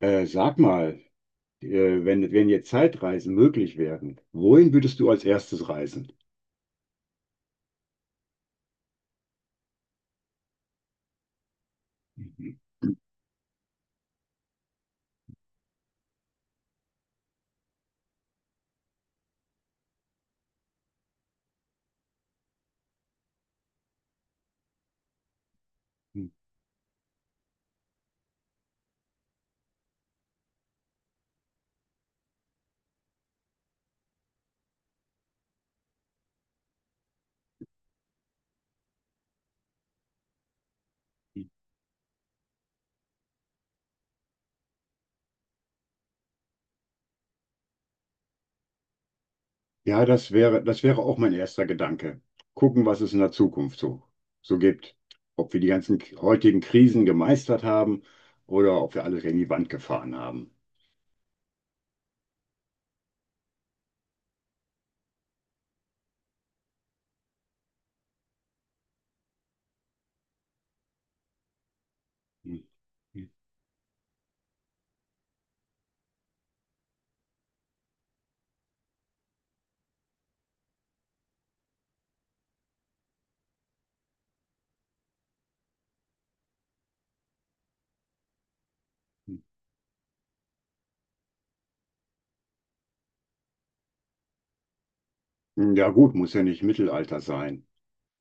Sag mal, äh, wenn jetzt Zeitreisen möglich wären, wohin würdest du als erstes reisen? Ja, das wäre auch mein erster Gedanke. Gucken, was es in der Zukunft so gibt. Ob wir die ganzen heutigen Krisen gemeistert haben oder ob wir alles gegen die Wand gefahren haben. Ja gut, muss ja nicht Mittelalter sein.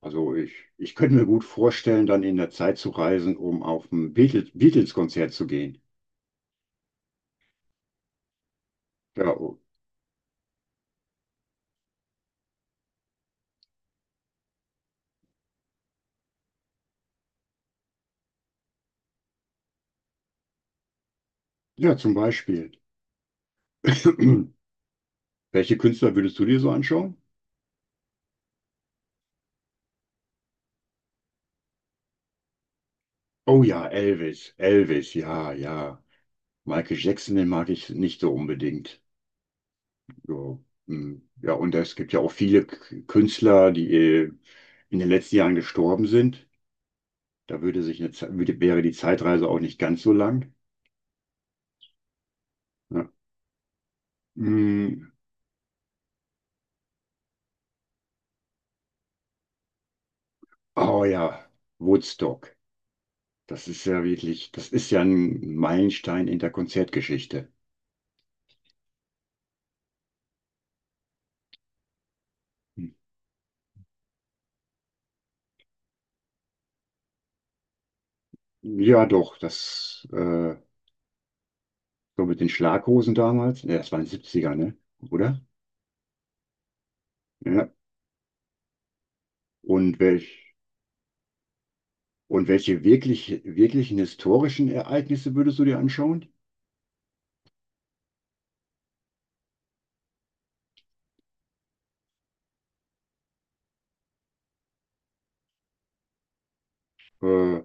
Also ich könnte mir gut vorstellen, dann in der Zeit zu reisen, um auf ein Beatles-Konzert zu gehen. Ja, oh, ja, zum Beispiel. Welche Künstler würdest du dir so anschauen? Oh ja, Elvis, Elvis, ja, ja. Michael Jackson, den mag ich nicht so unbedingt. So, hm. Ja, und es gibt ja auch viele Künstler, die in den letzten Jahren gestorben sind. Da würde sich eine, wäre die Zeitreise auch nicht ganz so lang. Ja. Hm. Oh ja, Woodstock. Das ist ja wirklich, das ist ja ein Meilenstein in der Konzertgeschichte. Hm. Ja, doch, das so mit den Schlaghosen damals. Ja, das waren 70er, ne? Oder? Ja. Und welch, und welche wirklichen historischen Ereignisse würdest du dir anschauen? Äh,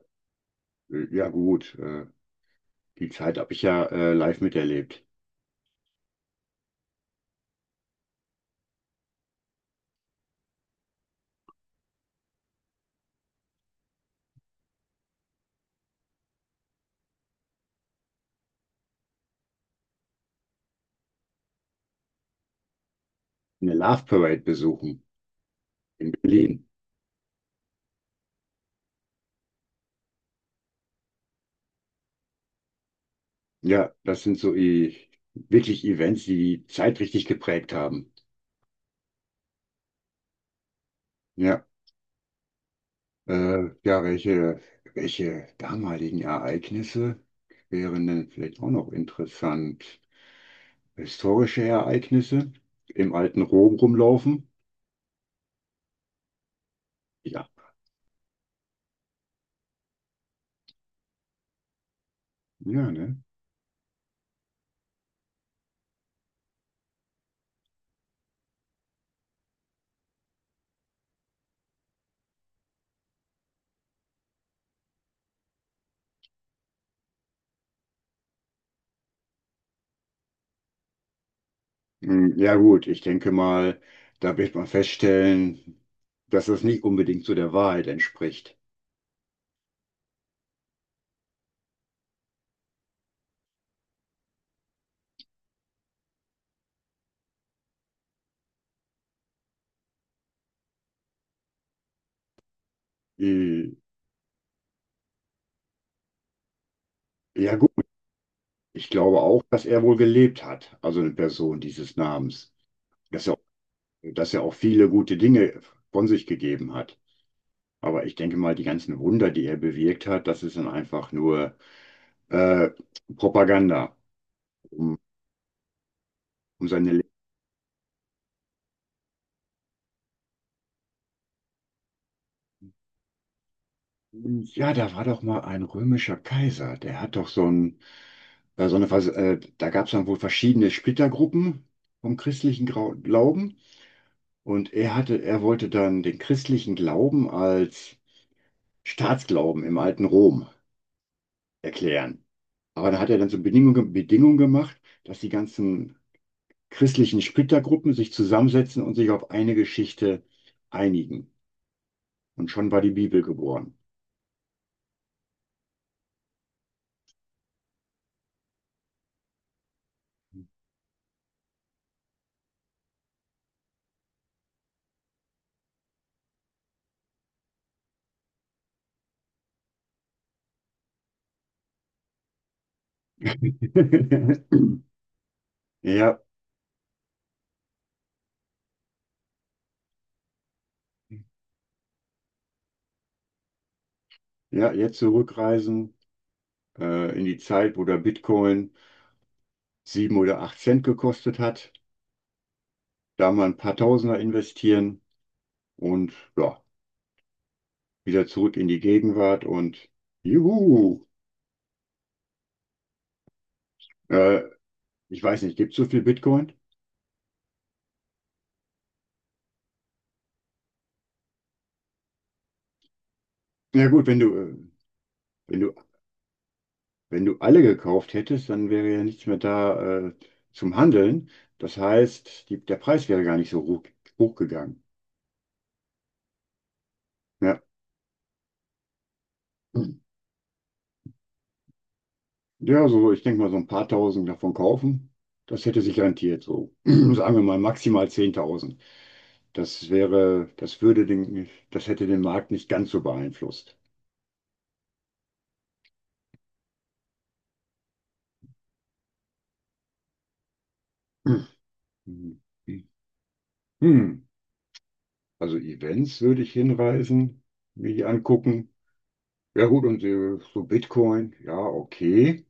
ja, gut. Die Zeit habe ich ja live miterlebt. Eine Love Parade besuchen in Berlin. Ja, das sind wirklich Events, die die Zeit richtig geprägt haben. Ja, ja, welche damaligen Ereignisse wären denn vielleicht auch noch interessant? Historische Ereignisse im alten Rom rumlaufen? Ja, ja, ne? Hm, ja gut, ich denke mal, da wird man feststellen, dass das nicht unbedingt so der Wahrheit entspricht. Äh, Ja gut, ich glaube auch, dass er wohl gelebt hat, also eine Person dieses Namens, dass er, dass er auch viele gute Dinge von sich gegeben hat. Aber ich denke mal, die ganzen Wunder, die er bewirkt hat, das ist dann einfach nur äh, Propaganda, um, um seine Ja, da war doch mal ein römischer Kaiser, der hat doch so ein, so eine, da gab es dann wohl verschiedene Splittergruppen vom christlichen Grau Glauben und er wollte dann den christlichen Glauben als Staatsglauben im alten Rom erklären. Aber da hat er dann so Bedingungen gemacht, dass die ganzen christlichen Splittergruppen sich zusammensetzen und sich auf eine Geschichte einigen. Und schon war die Bibel geboren. Ja, ja, jetzt zurückreisen. In die Zeit, wo der Bitcoin sieben oder acht Cent gekostet hat. Da mal ein paar Tausender investieren und ja, wieder zurück in die Gegenwart und juhu! Äh, ich weiß nicht, gibt es so viel Bitcoin? Ja gut, wenn du, wenn du alle gekauft hättest, dann wäre ja nichts mehr da zum Handeln. Das heißt, der Preis wäre gar nicht so hoch, hochgegangen. Ja. Ja, so, ich denke mal, so ein paar tausend davon kaufen, das hätte sich rentiert, so sagen wir mal maximal 10.000. Das wäre, das würde den, das hätte den Markt nicht ganz so beeinflusst. Hm. Hm. Also Events würde ich hinreisen, mir die angucken. Ja gut, und so Bitcoin, ja, okay.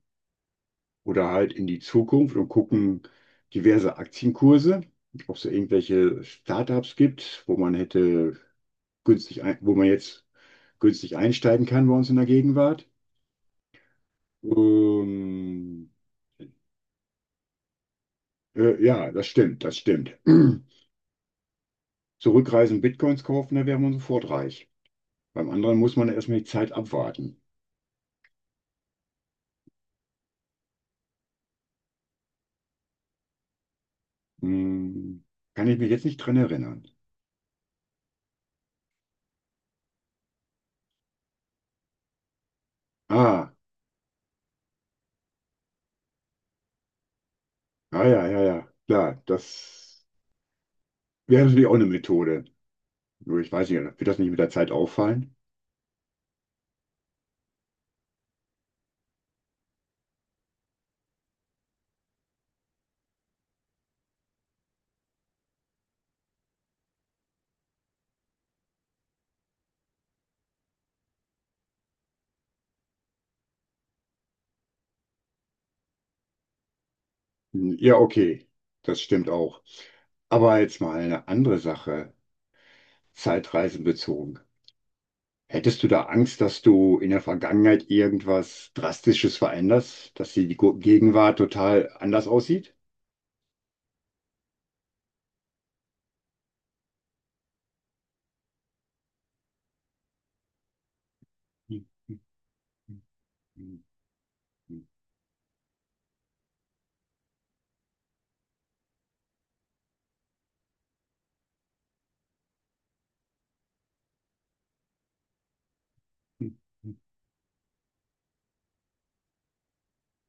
Oder halt in die Zukunft und gucken diverse Aktienkurse, ob es da irgendwelche Startups gibt, wo man jetzt günstig einsteigen kann bei uns in der Gegenwart. Ähm, ja, das stimmt. Zurückreisen, Bitcoins kaufen, da wäre man sofort reich. Beim anderen muss man erstmal die Zeit abwarten. Hm, kann ich mich jetzt nicht dran erinnern. Ah, ja. Klar, das wäre natürlich auch eine Methode. Nur ich weiß nicht, wird das nicht mit der Zeit auffallen? Hm, ja, okay, das stimmt auch. Aber jetzt mal eine andere Sache, Zeitreisen bezogen. Hättest du da Angst, dass du in der Vergangenheit irgendwas Drastisches veränderst, dass die Gegenwart total anders aussieht? Ja,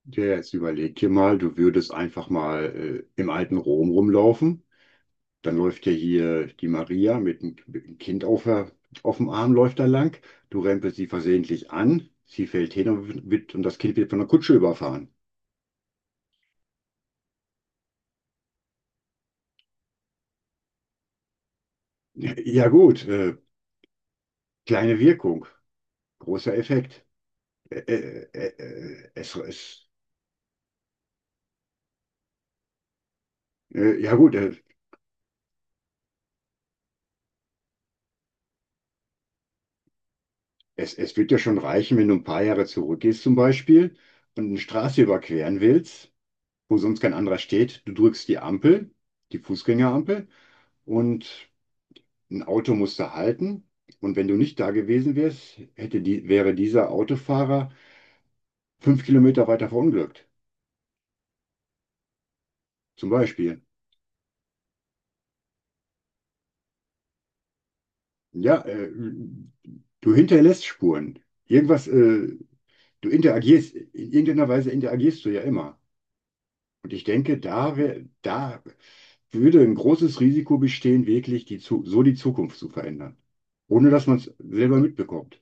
ja, jetzt überleg dir mal, du würdest einfach mal im alten Rom rumlaufen. Dann läuft ja hier die Maria mit einem Kind auf dem Arm, läuft da lang. Du rempelst sie versehentlich an, sie fällt hin und das Kind wird von der Kutsche überfahren. Ja gut, kleine Wirkung, großer Effekt. Äh, äh, äh, es, es, ja gut, es wird ja schon reichen, wenn du ein paar Jahre zurückgehst zum Beispiel und eine Straße überqueren willst. Wo sonst kein anderer steht. Du drückst die Ampel, die Fußgängerampel, und ein Auto muss da halten. Und wenn du nicht da gewesen wärst, wäre dieser Autofahrer 5 Kilometer weiter verunglückt. Zum Beispiel. Ja, du hinterlässt Spuren. Irgendwas, in irgendeiner Weise interagierst du ja immer. Und ich denke, da würde ein großes Risiko bestehen, wirklich so die Zukunft zu verändern, ohne dass man es selber mitbekommt.